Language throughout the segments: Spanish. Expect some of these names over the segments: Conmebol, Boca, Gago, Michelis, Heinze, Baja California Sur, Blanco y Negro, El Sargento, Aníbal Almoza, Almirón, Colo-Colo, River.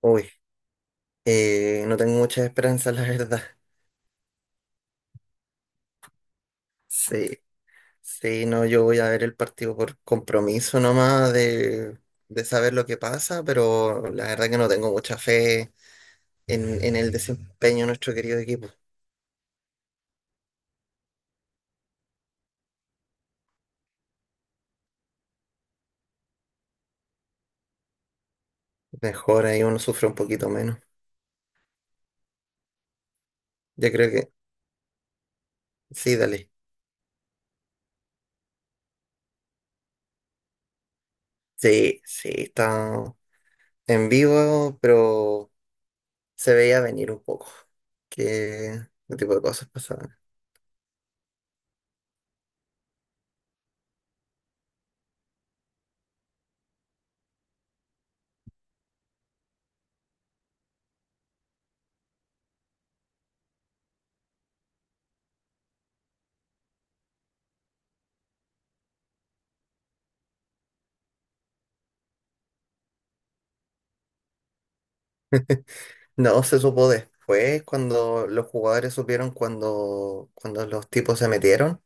Uy, no tengo muchas esperanzas, la verdad. Sí, sí, no, yo voy a ver el partido por compromiso nomás de saber lo que pasa, pero la verdad que no tengo mucha fe en el desempeño de nuestro querido equipo. Mejor ahí uno sufre un poquito menos. Yo creo que sí, dale. Sí, sí, está en vivo, pero se veía venir un poco que ese tipo de cosas pasaban. No se supo después, cuando los jugadores supieron cuando los tipos se metieron.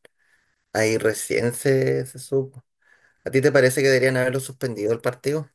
Ahí recién se supo. ¿A ti te parece que deberían haberlo suspendido el partido?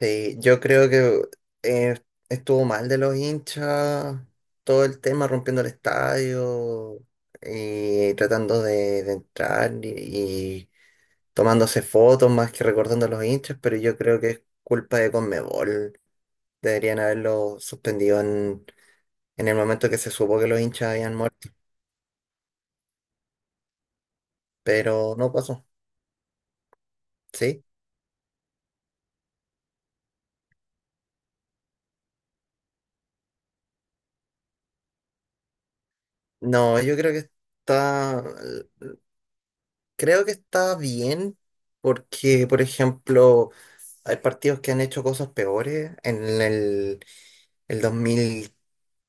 Sí, yo creo que eh, estuvo mal de los hinchas, todo el tema rompiendo el estadio y tratando de entrar y tomándose fotos más que recordando a los hinchas, pero yo creo que es culpa de Conmebol. Deberían haberlo suspendido en el momento que se supo que los hinchas habían muerto, pero no pasó, ¿sí? No, yo está, creo que está bien porque, por ejemplo, hay partidos que han hecho cosas peores en el 2000.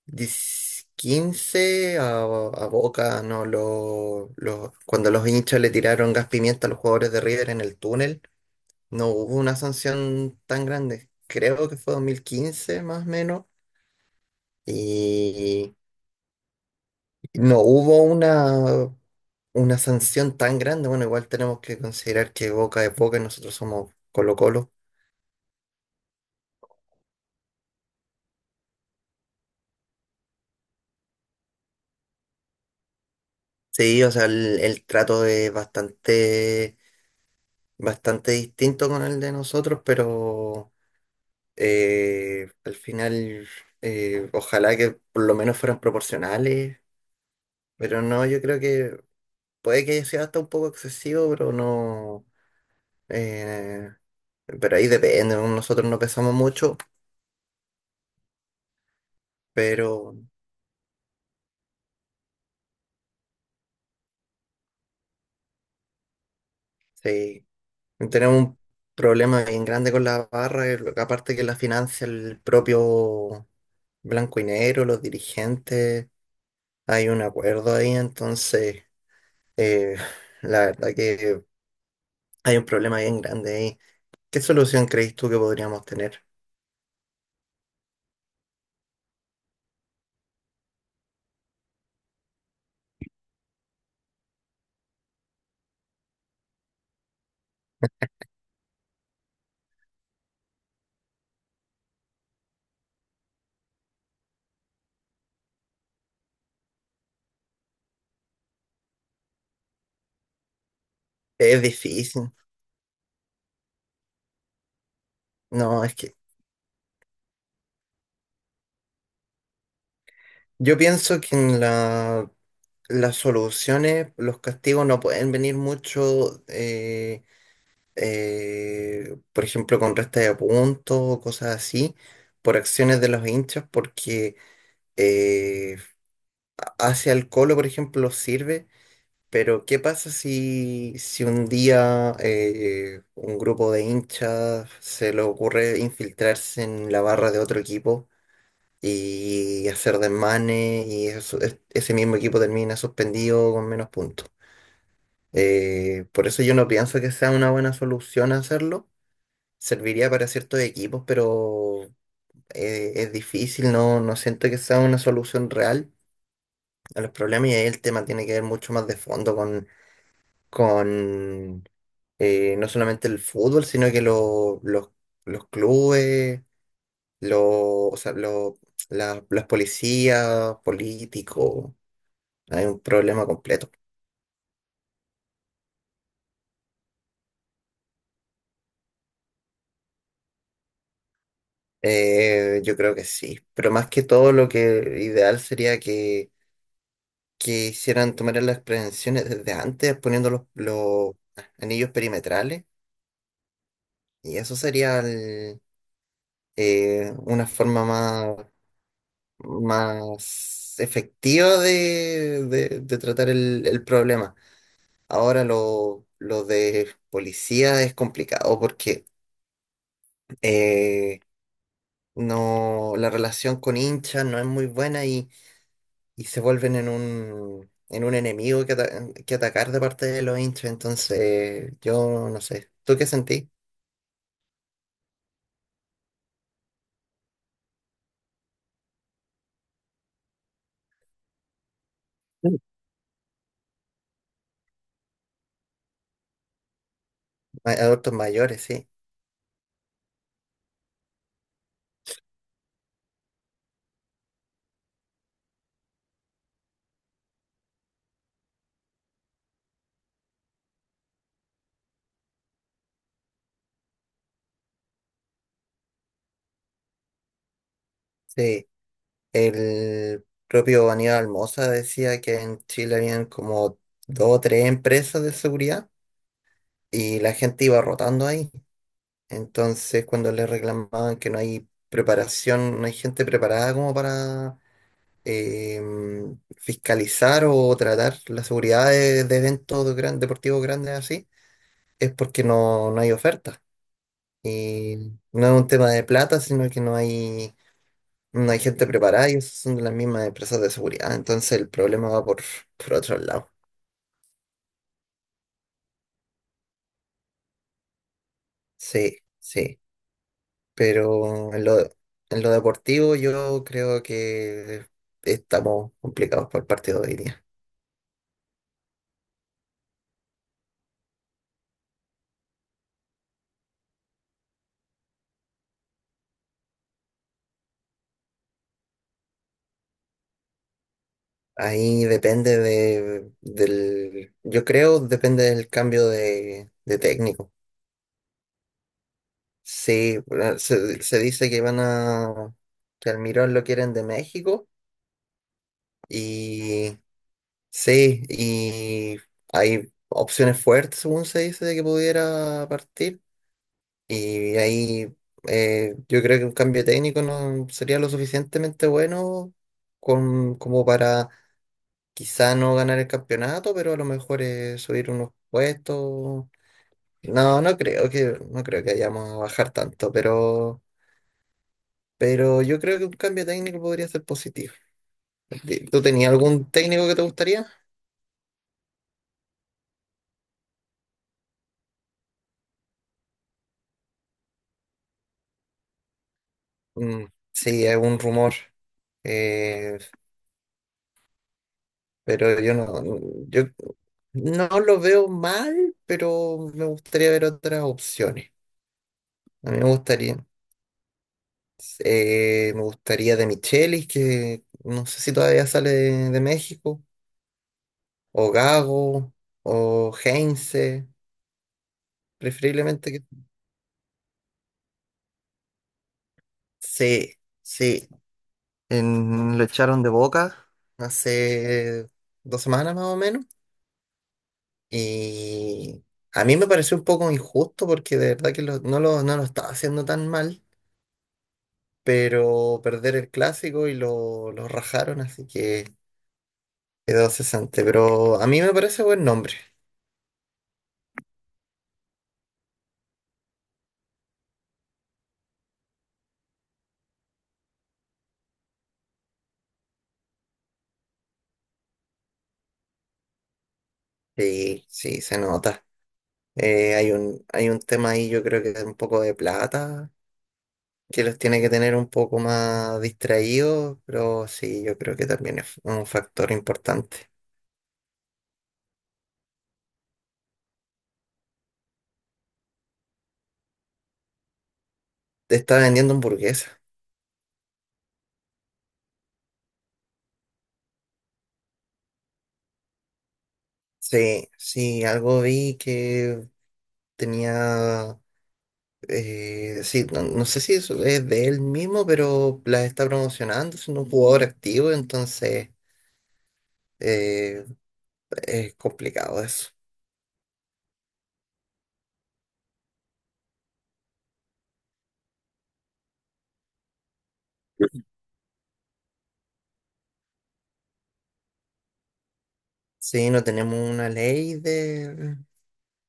Quince a Boca, no, cuando los hinchas le tiraron gas pimienta a los jugadores de River en el túnel, no hubo una sanción tan grande. Creo que fue 2015 más o menos. Y no hubo una sanción tan grande. Bueno, igual tenemos que considerar que Boca es Boca y nosotros somos Colo-Colo. Sí, o sea, el trato es bastante, bastante distinto con el de nosotros, pero... Al final, ojalá que por lo menos fueran proporcionales, pero no, yo creo que puede que haya sido hasta un poco excesivo, pero no. eh, pero ahí depende, ¿no? Nosotros no pesamos mucho, pero sí, tenemos un problema bien grande con la barra, que aparte que la financia el propio Blanco y Negro, los dirigentes, hay un acuerdo ahí, entonces, eh, la verdad que hay un problema bien grande ahí. ¿Qué solución crees tú que podríamos tener? Es difícil. No, es que yo pienso que en las soluciones, los castigos no pueden venir mucho, por ejemplo, con resta de puntos o cosas así, por acciones de los hinchas, porque eh, hacia el Colo, por ejemplo, sirve, pero ¿qué pasa si un día un grupo de hinchas se le ocurre infiltrarse en la barra de otro equipo y hacer desmanes y ese mismo equipo termina suspendido con menos puntos? Por eso yo no pienso que sea una buena solución hacerlo. Serviría para ciertos equipos, pero es difícil, no, no siento que sea una solución real a los problemas y ahí el tema tiene que ver mucho más de fondo con, con no solamente el fútbol, sino que los clubes, los, o sea, las policías, políticos. Hay un problema completo. Yo creo que sí, pero más que todo lo que ideal sería que hicieran tomar las prevenciones desde antes poniendo los anillos perimetrales y eso sería una forma más, más efectiva de tratar el problema. Ahora lo de policía es complicado porque eh, no, la relación con hinchas no es muy buena y se vuelven en un enemigo que atacar de parte de los hinchas. Entonces, yo no sé. ¿Tú qué sentí? Adultos mayores, sí. Sí. El propio Aníbal Almoza decía que en Chile habían como dos o tres empresas de seguridad y la gente iba rotando ahí. Entonces, cuando le reclamaban que no hay preparación, no hay gente preparada como para fiscalizar o tratar la seguridad de eventos deportivos grandes así, es porque no hay oferta. Y no es un tema de plata, sino que no hay gente preparada y esas son las mismas empresas de seguridad. Entonces el problema va por otro lado. Sí, sí. Pero en lo deportivo yo creo que estamos complicados por el partido de hoy día. Ahí depende del yo creo, depende del cambio de técnico. Sí, bueno, se dice que que Almirón lo quieren de México y sí, y hay opciones fuertes, según se dice, de que pudiera partir. Y ahí yo creo que un cambio técnico no sería lo suficientemente bueno como para quizá no ganar el campeonato, pero a lo mejor es subir unos puestos. No, no creo que, vayamos a bajar tanto, pero yo creo que un cambio técnico podría ser positivo. ¿Tú tenías algún técnico que te gustaría? Mm, sí, es un rumor. eh, pero yo no, yo no lo veo mal, pero me gustaría ver otras opciones. A mí me gustaría de Michelis, que no sé si todavía sale de México. O Gago, o Heinze, preferiblemente que... Sí, sí. Lo echaron de Boca hace 2 semanas más o menos. Y a mí me pareció un poco injusto porque de verdad que no lo estaba haciendo tan mal, pero perder el clásico y lo rajaron, así que quedó cesante. Pero a mí me parece buen nombre. Sí, sí, se nota. Hay un, tema ahí, yo creo que un poco de plata que los tiene que tener un poco más distraídos, pero sí, yo creo que también es un factor importante. Te está vendiendo hamburguesa. Sí, sí, algo vi que tenía, sí, no, sé si eso es de él mismo, pero las está promocionando, es un jugador activo, entonces eh, es complicado eso. Sí, no tenemos una ley de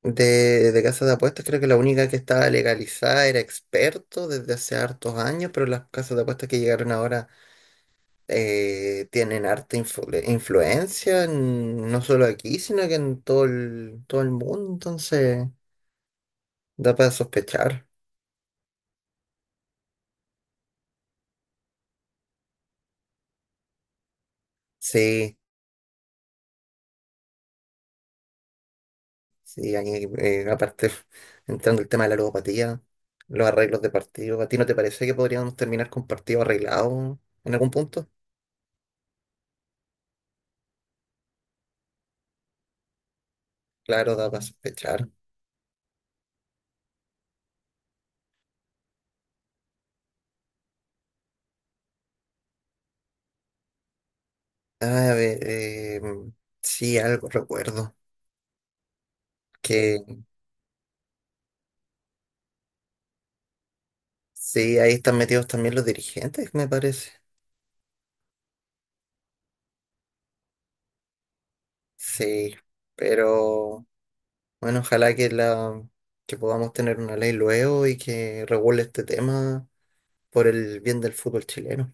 Casas de apuestas, creo que la única que estaba legalizada era experto desde hace hartos años, pero las casas de apuestas que llegaron ahora tienen harta influencia, no solo aquí, sino que en todo el mundo, entonces da para sospechar. Sí, sí, ahí, aparte, entrando el tema de la ludopatía, los arreglos de partido, ¿a ti no te parece que podríamos terminar con partido arreglado en algún punto? Claro, da para sospechar. Ah, a ver, sí, algo recuerdo. Que sí, ahí están metidos también los dirigentes, me parece. Sí, pero bueno, ojalá que la que podamos tener una ley luego y que regule este tema por el bien del fútbol chileno.